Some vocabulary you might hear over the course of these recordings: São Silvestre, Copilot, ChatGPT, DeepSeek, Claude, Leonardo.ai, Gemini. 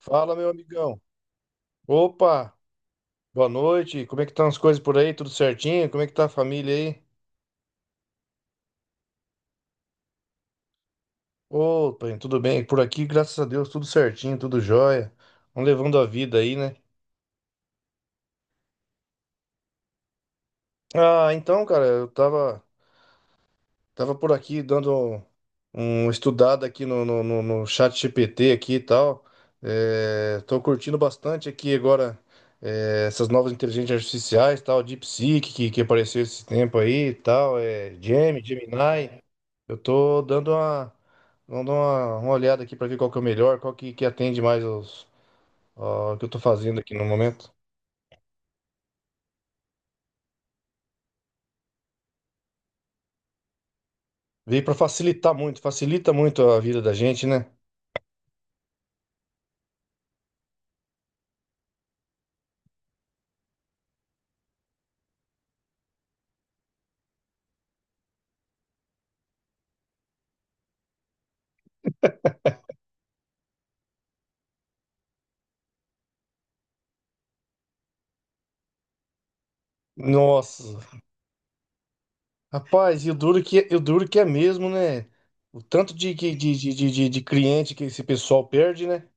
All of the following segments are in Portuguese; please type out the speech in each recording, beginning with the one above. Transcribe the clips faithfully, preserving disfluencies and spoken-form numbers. Fala, meu amigão. Opa, boa noite. Como é que estão as coisas por aí? Tudo certinho? Como é que tá a família aí? Opa, tudo bem. Por aqui, graças a Deus, tudo certinho, tudo jóia. Vamos levando a vida aí, né? Ah, então, cara, eu tava Tava por aqui dando um estudado aqui no, no, no, no chat G P T aqui e tal. É, tô curtindo bastante aqui agora é, essas novas inteligências artificiais, tal, DeepSeek que, que apareceu esse tempo aí e tal, é, Gemini, Gemini. Eu tô dando uma, dando uma, uma olhada aqui para ver qual que é o melhor, qual que, que atende mais os, ó, o que eu tô fazendo aqui no momento. Veio para facilitar muito, facilita muito a vida da gente, né? Nossa, rapaz, e o duro que, é, e o duro que é mesmo, né? O tanto de, que- de, de, de, de de cliente que esse pessoal perde, né?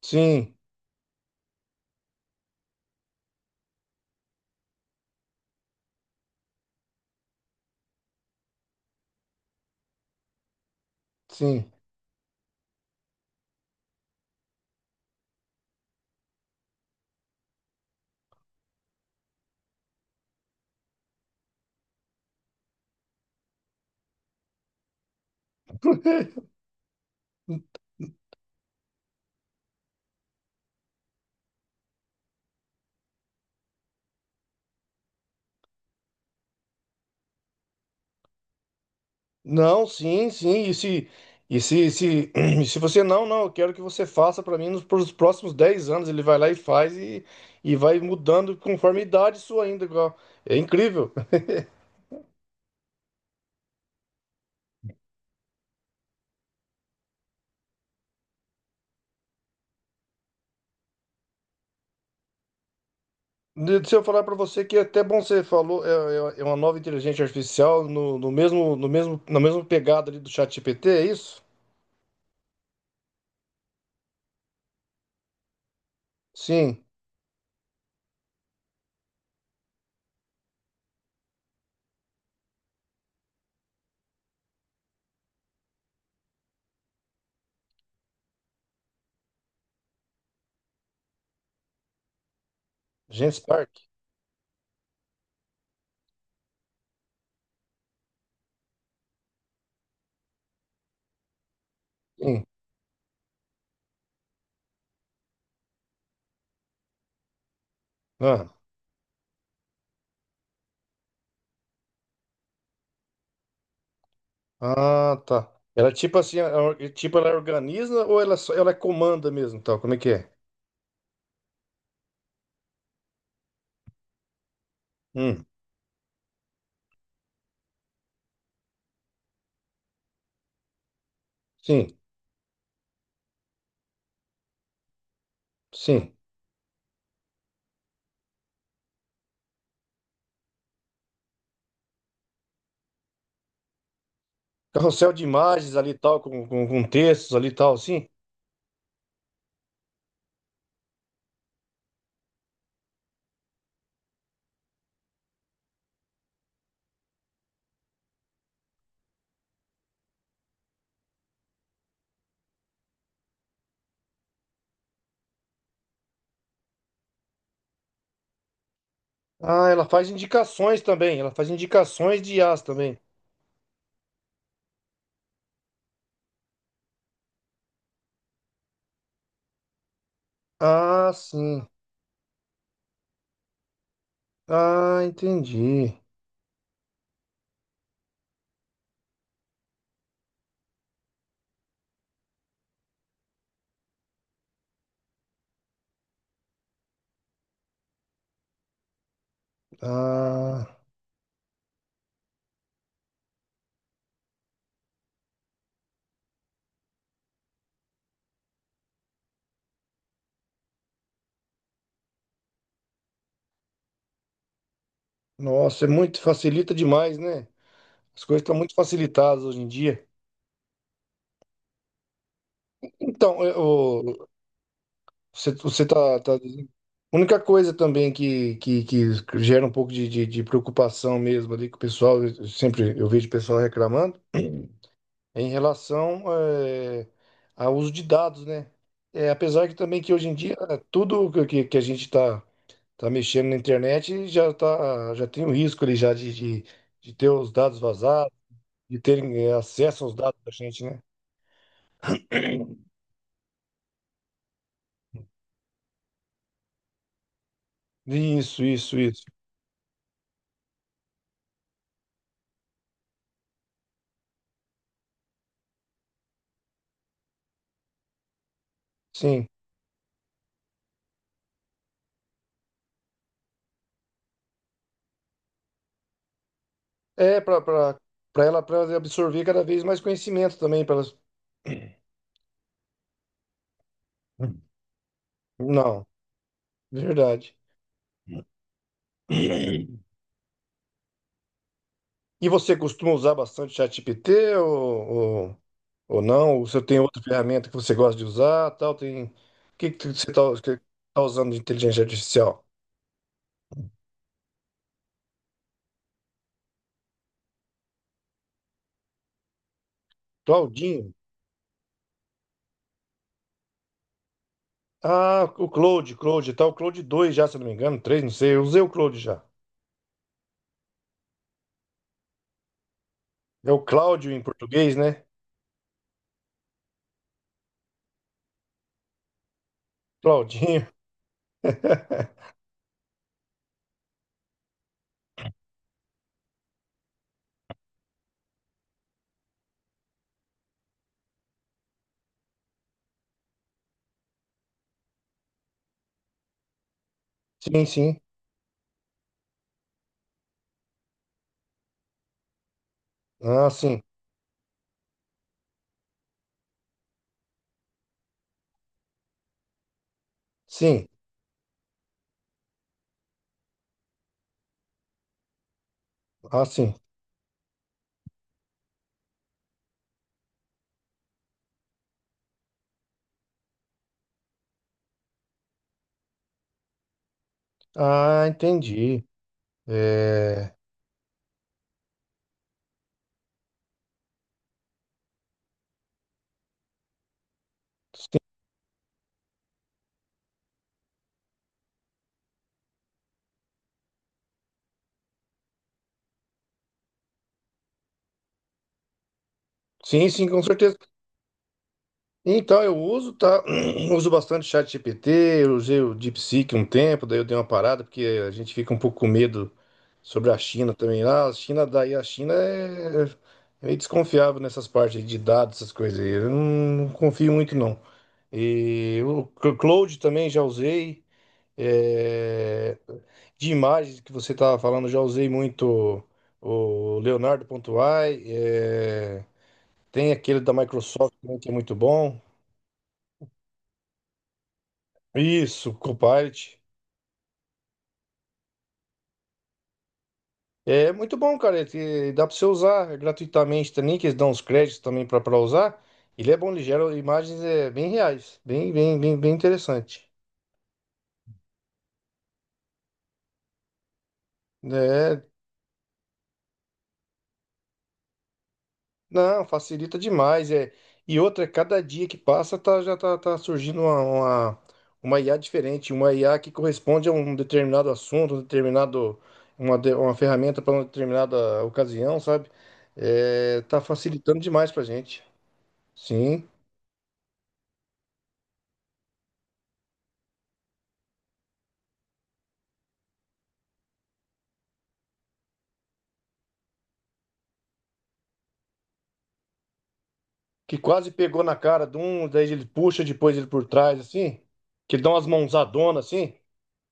Sim, sim. Não, sim, sim. E se, e se, e se, e se você não, não, eu quero que você faça para mim nos pros próximos dez anos. Ele vai lá e faz e, e vai mudando conforme a idade sua ainda. Igual. É incrível. De- Se eu falar para você que é até bom você falou, é, é- é uma nova inteligência artificial no, no mesmo, no mesmo, na mesma pegada ali do ChatGPT, é isso? Sim. Gente Stark? Sim. Ah, ah, tá. Ela é tipo assim, a- a- tipo ela organiza ou ela só, ela é comanda mesmo, tal? Como é que é? Hum, sim, sim. Carrossel de imagens ali, tal, com, com, com textos ali, tal, sim. Ah, ela faz indicações também. Ela faz indicações de I as também. Ah, sim. Ah, entendi. Ah, nossa, é muito facilita demais, né? As coisas estão muito facilitadas hoje em dia. Então, eu, você, você tá, tá dizendo. A única coisa também que, que, que gera um pouco de, de, de preocupação mesmo ali que o pessoal, eu sempre eu vejo o pessoal reclamando, é em relação eh, ao uso de dados, né? É, apesar que também que hoje em dia eh, tudo que, que que a gente está tá tá mexendo na internet já, tá, já tem o risco ali já de, de, de ter os dados vazados, de terem eh, acesso aos dados da gente, né? Isso, isso, isso. Sim. É, para para ela, para ela absorver cada vez mais conhecimento também. Pra elas... Não, verdade. E você costuma usar bastante ChatGPT ou, ou, ou não? Ou você tem outra ferramenta que você gosta de usar, tal? Tem... O que, que você está usando de inteligência artificial? Claudinho? Ah, o Claude, Claude, tá, o Claude dois já, se eu não me engano, três não sei, eu usei o Claude já. É o Cláudio em português, né? Claudinho. Sim, sim. Ah, sim. Sim. Ah, sim. Ah, entendi. É, Sim, sim, com certeza. Então, eu uso, tá? Uso bastante o ChatGPT, eu usei o DeepSeek um tempo, daí eu dei uma parada, porque a gente fica um pouco com medo sobre a China também. Ah, a China, daí a China é, é meio desconfiável nessas partes aí de dados, essas coisas aí. Eu não, não confio muito, não. E o Cloud também já usei. É, de imagens que você estava falando, já usei muito o Leonardo Leonardo.ai, é, tem aquele da Microsoft também que é muito bom. Isso, Copilot. É muito bom, cara. E dá para você usar gratuitamente também, que eles dão os créditos também para usar. Ele é bom, ele gera imagens é, bem reais, bem, bem, bem, bem interessante. É, não, facilita demais, é. E outra, cada dia que passa tá, já tá, tá surgindo uma, uma, uma I A diferente, uma I A que corresponde a um determinado assunto, um determinado, uma, de- uma ferramenta para uma determinada ocasião, sabe? É, tá facilitando demais pra gente. Sim. Que quase pegou na cara de um, daí ele puxa, depois ele por trás, assim. Que ele dá umas mãozadonas assim.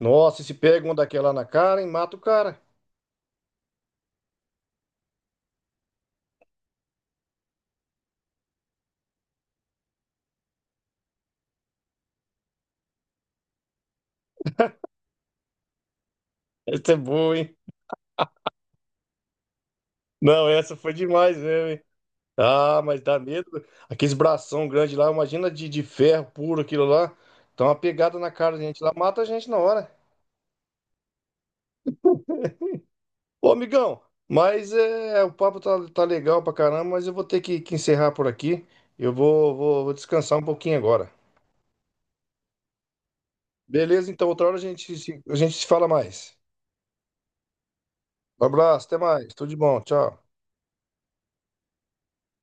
Nossa, e se pega uma daquela na cara e mata o cara. Essa é boa, hein? Não, essa foi demais, né? Ah, mas dá medo. Aqueles bração grande lá, imagina de, de ferro puro aquilo lá. Então uma pegada na cara da gente lá, mata a gente na hora. Ô, amigão, mas é, o papo tá, tá legal pra caramba, mas eu vou ter que, que encerrar por aqui. Eu vou, vou, vou descansar um pouquinho agora. Beleza, então outra hora a gente, se- a gente se fala mais. Um abraço, até mais. Tudo de bom, tchau.